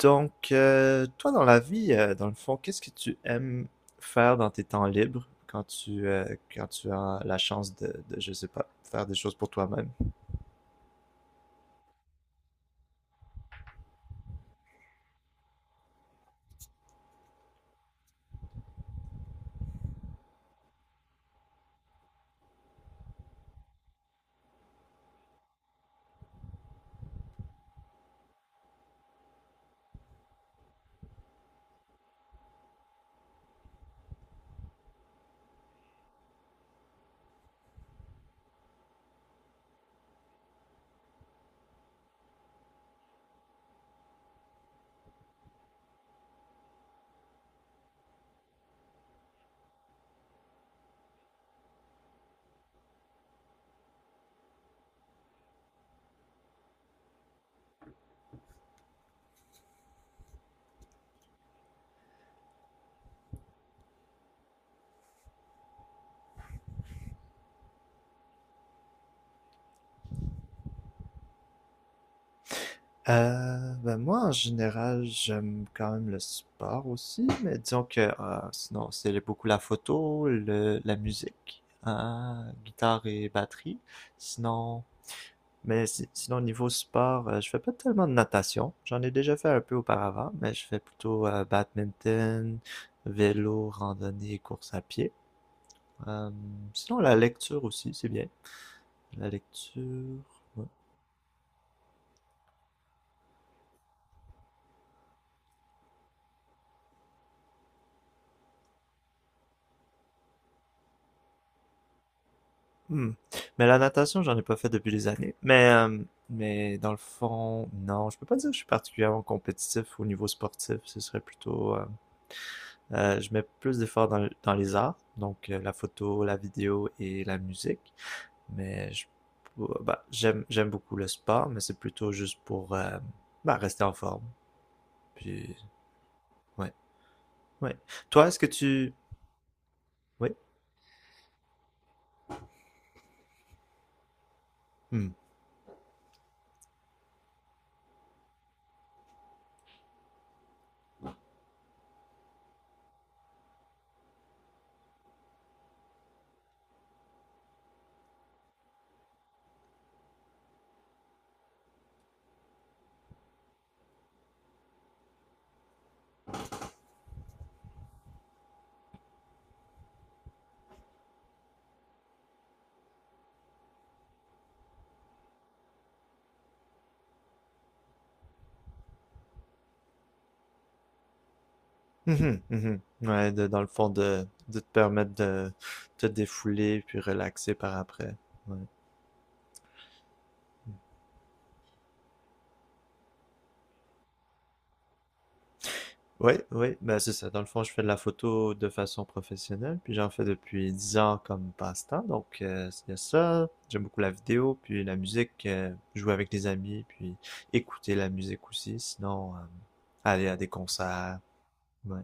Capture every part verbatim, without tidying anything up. Donc, euh, toi, dans la vie, euh, dans le fond, qu'est-ce que tu aimes faire dans tes temps libres quand tu, euh, quand tu as la chance de, de, je sais pas, faire des choses pour toi-même? Euh, ben moi, en général, j'aime quand même le sport aussi, mais disons que euh, sinon, c'est beaucoup la photo, le, la musique, euh, guitare et batterie. Sinon. Mais si- sinon, niveau sport, euh, je fais pas tellement de natation. J'en ai déjà fait un peu auparavant, mais je fais plutôt euh, badminton, vélo, randonnée, course à pied. Euh, Sinon, la lecture aussi, c'est bien. La lecture. Ouais. Hmm. Mais la natation, j'en ai pas fait depuis des années. Mais, euh, mais dans le fond, non, je peux pas dire que je suis particulièrement compétitif au niveau sportif. Ce serait plutôt. euh, euh, je mets plus d'efforts dans, dans les arts, donc euh, la photo, la vidéo et la musique. Mais je- euh, bah, j'aime j'aime beaucoup le sport, mais c'est plutôt juste pour euh, bah, rester en forme. Puis, ouais, ouais. Toi, est-ce que tu... Oui. Hmm. Mhm, mhm. Ouais, de- dans le fond, de, de te permettre de te défouler puis relaxer par après. Ouais. Oui, oui, ben c'est ça. Dans le fond, je fais de la photo de façon professionnelle, puis j'en fais depuis dix ans comme passe-temps. Donc, euh, c'est ça. J'aime beaucoup la vidéo, puis la musique, euh, jouer avec des amis, puis écouter la musique aussi. Sinon, euh, aller à des concerts. Ouais.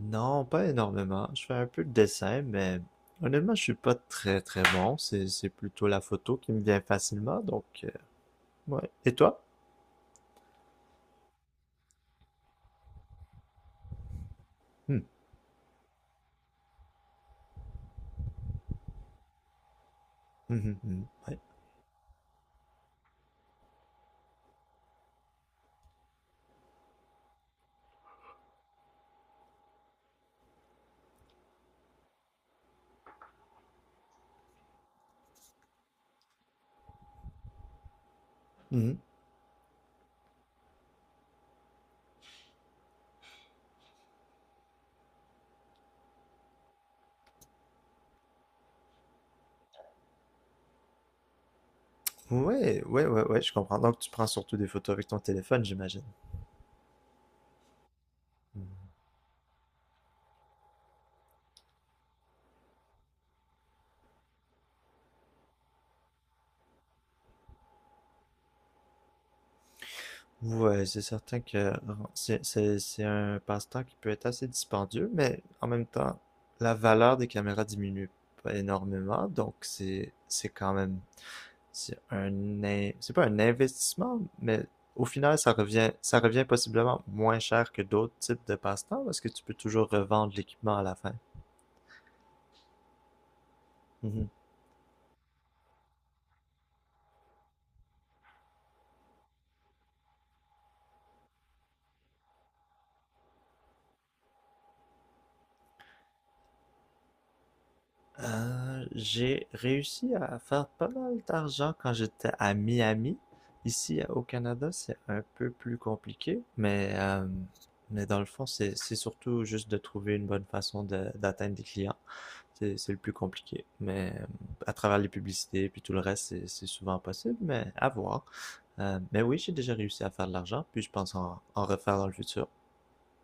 Non, pas énormément. Je fais un peu de dessin, mais honnêtement, je suis pas très très bon. C'est c'est plutôt la photo qui me vient facilement. Donc, euh, ouais. Et toi? Hmm. Mhm, mhm. Ouais. Hum, hum. Ouais, ouais, ouais, ouais, je comprends. Donc, tu prends surtout des photos avec ton téléphone, j'imagine. Ouais, c'est certain que c'est c'est- c'est un passe-temps qui peut être assez dispendieux, mais en même temps, la valeur des caméras diminue pas énormément, donc c'est c'est quand même c'est un in- c'est pas un investissement, mais au final, ça revient ça revient possiblement moins cher que d'autres types de passe-temps parce que tu peux toujours revendre l'équipement à la fin. Euh, j'ai réussi à faire pas mal d'argent quand j'étais à Miami. Ici, euh, au Canada, c'est un peu plus compliqué, mais, euh, mais dans le fond, c'est, c'est surtout juste de trouver une bonne façon de- d'atteindre des clients. C'est, c'est le plus compliqué. Mais euh, à travers les publicités, puis tout le reste, c'est, c'est souvent possible, mais à voir. Euh, mais oui, j'ai déjà réussi à faire de l'argent, puis je pense en, en refaire dans le futur.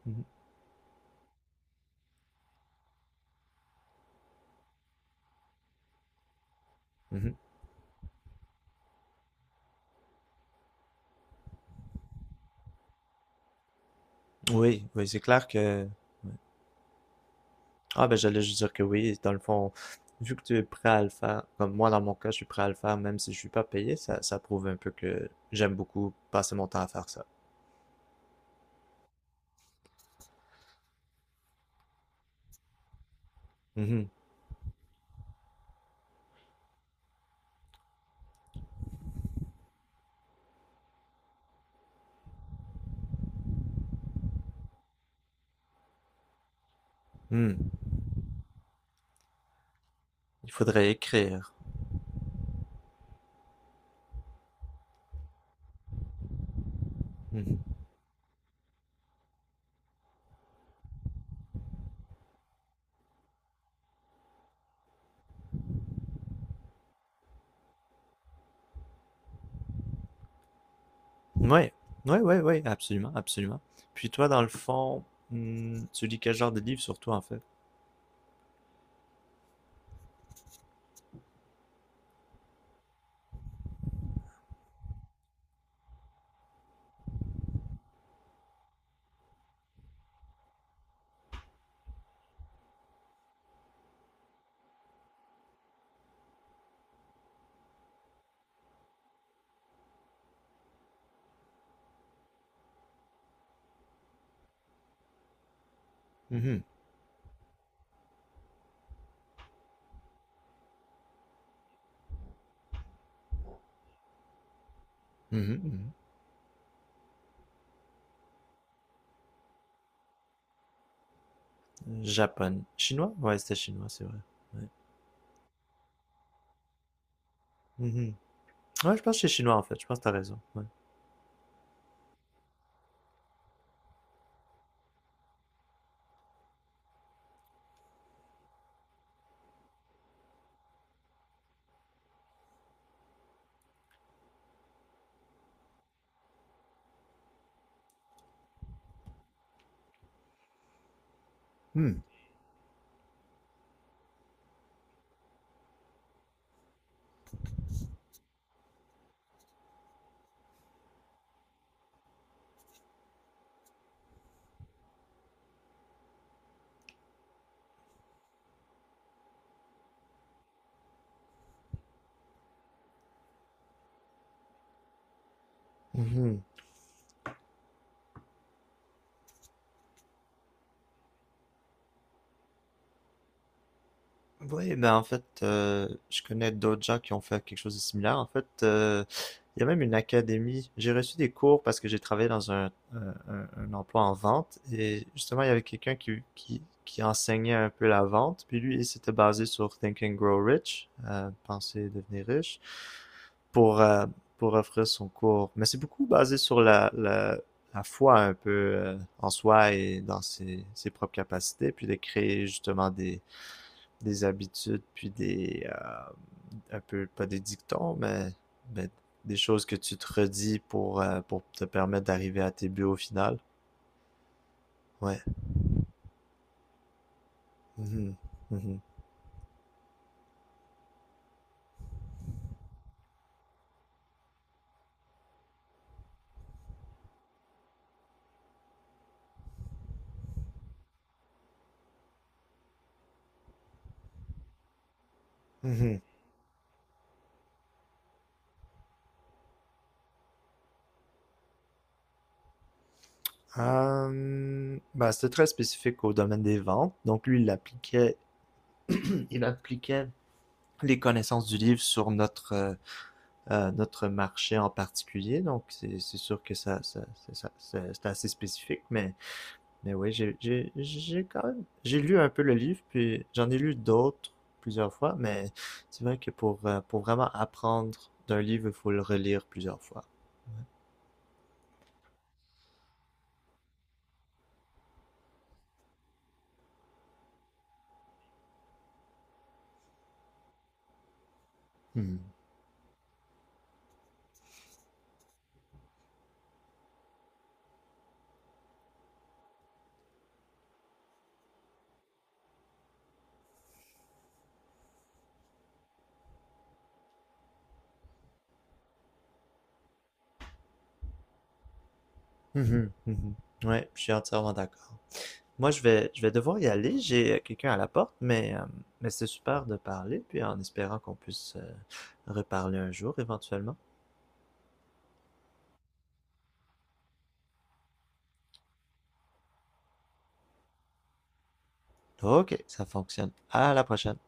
Mhm. Mhm. Oui, oui, c'est clair que. Ah, ben j'allais juste dire que oui, dans le fond, vu que tu es prêt à le faire, comme moi dans mon cas, je suis prêt à le faire même si je suis pas payé, ça, ça prouve un peu que j'aime beaucoup passer mon temps à faire ça. Mhm. Hmm. Il faudrait écrire. Mhm. Ouais, ouais, ouais, ouais, absolument, absolument. Puis toi, dans le fond, hmm, tu lis quel genre de livre surtout en fait? Mhm. Mhm, mhm. Japonais. Chinois? Ouais, c'était chinois, c'est vrai. Ouais. Mhm. Ouais, je pense que c'est chinois en fait, je pense que t'as raison. Ouais. Hmm. Mhm. Oui, ben en fait, euh, je connais d'autres gens qui ont fait quelque chose de similaire. En fait, euh, il y a même une académie. J'ai reçu des cours parce que j'ai travaillé dans un, un, un- un emploi en vente et justement, il y avait quelqu'un qui, qui, qui enseignait un peu la vente. Puis lui, il s'était basé sur Think and Grow Rich, euh, penser et devenir riche, pour, euh, pour offrir son cours. Mais c'est beaucoup basé sur la, la, la foi un peu euh, en soi et dans ses, ses propres capacités, puis de créer justement des des habitudes, puis des, euh, un peu, pas des dictons, mais, mais des choses que tu te redis pour, euh, pour te permettre d'arriver à tes buts au final. Ouais. Mhm. Mhm. Mhm. Euh, ben, c'était très spécifique au domaine des ventes. Donc lui, il appliquait, il appliquait les connaissances du livre sur notre, euh, euh, notre marché en particulier. Donc c'est c'est sûr que ça, ça, c'est ça- c'est assez spécifique, mais. Mais oui, j'ai j'ai- j'ai quand même... J'ai lu un peu le livre, puis j'en ai lu d'autres plusieurs fois, mais c'est vrai que pour, euh, pour vraiment apprendre d'un livre, il faut le relire plusieurs fois. Mhm. Mhm. Mhm. Ouais, je suis entièrement d'accord. Moi, je vais, je vais devoir y aller. J'ai euh, quelqu'un à la porte, mais, euh, mais c'est super de parler, puis en espérant qu'on puisse euh, reparler un jour éventuellement. Ok, ça fonctionne. À la prochaine.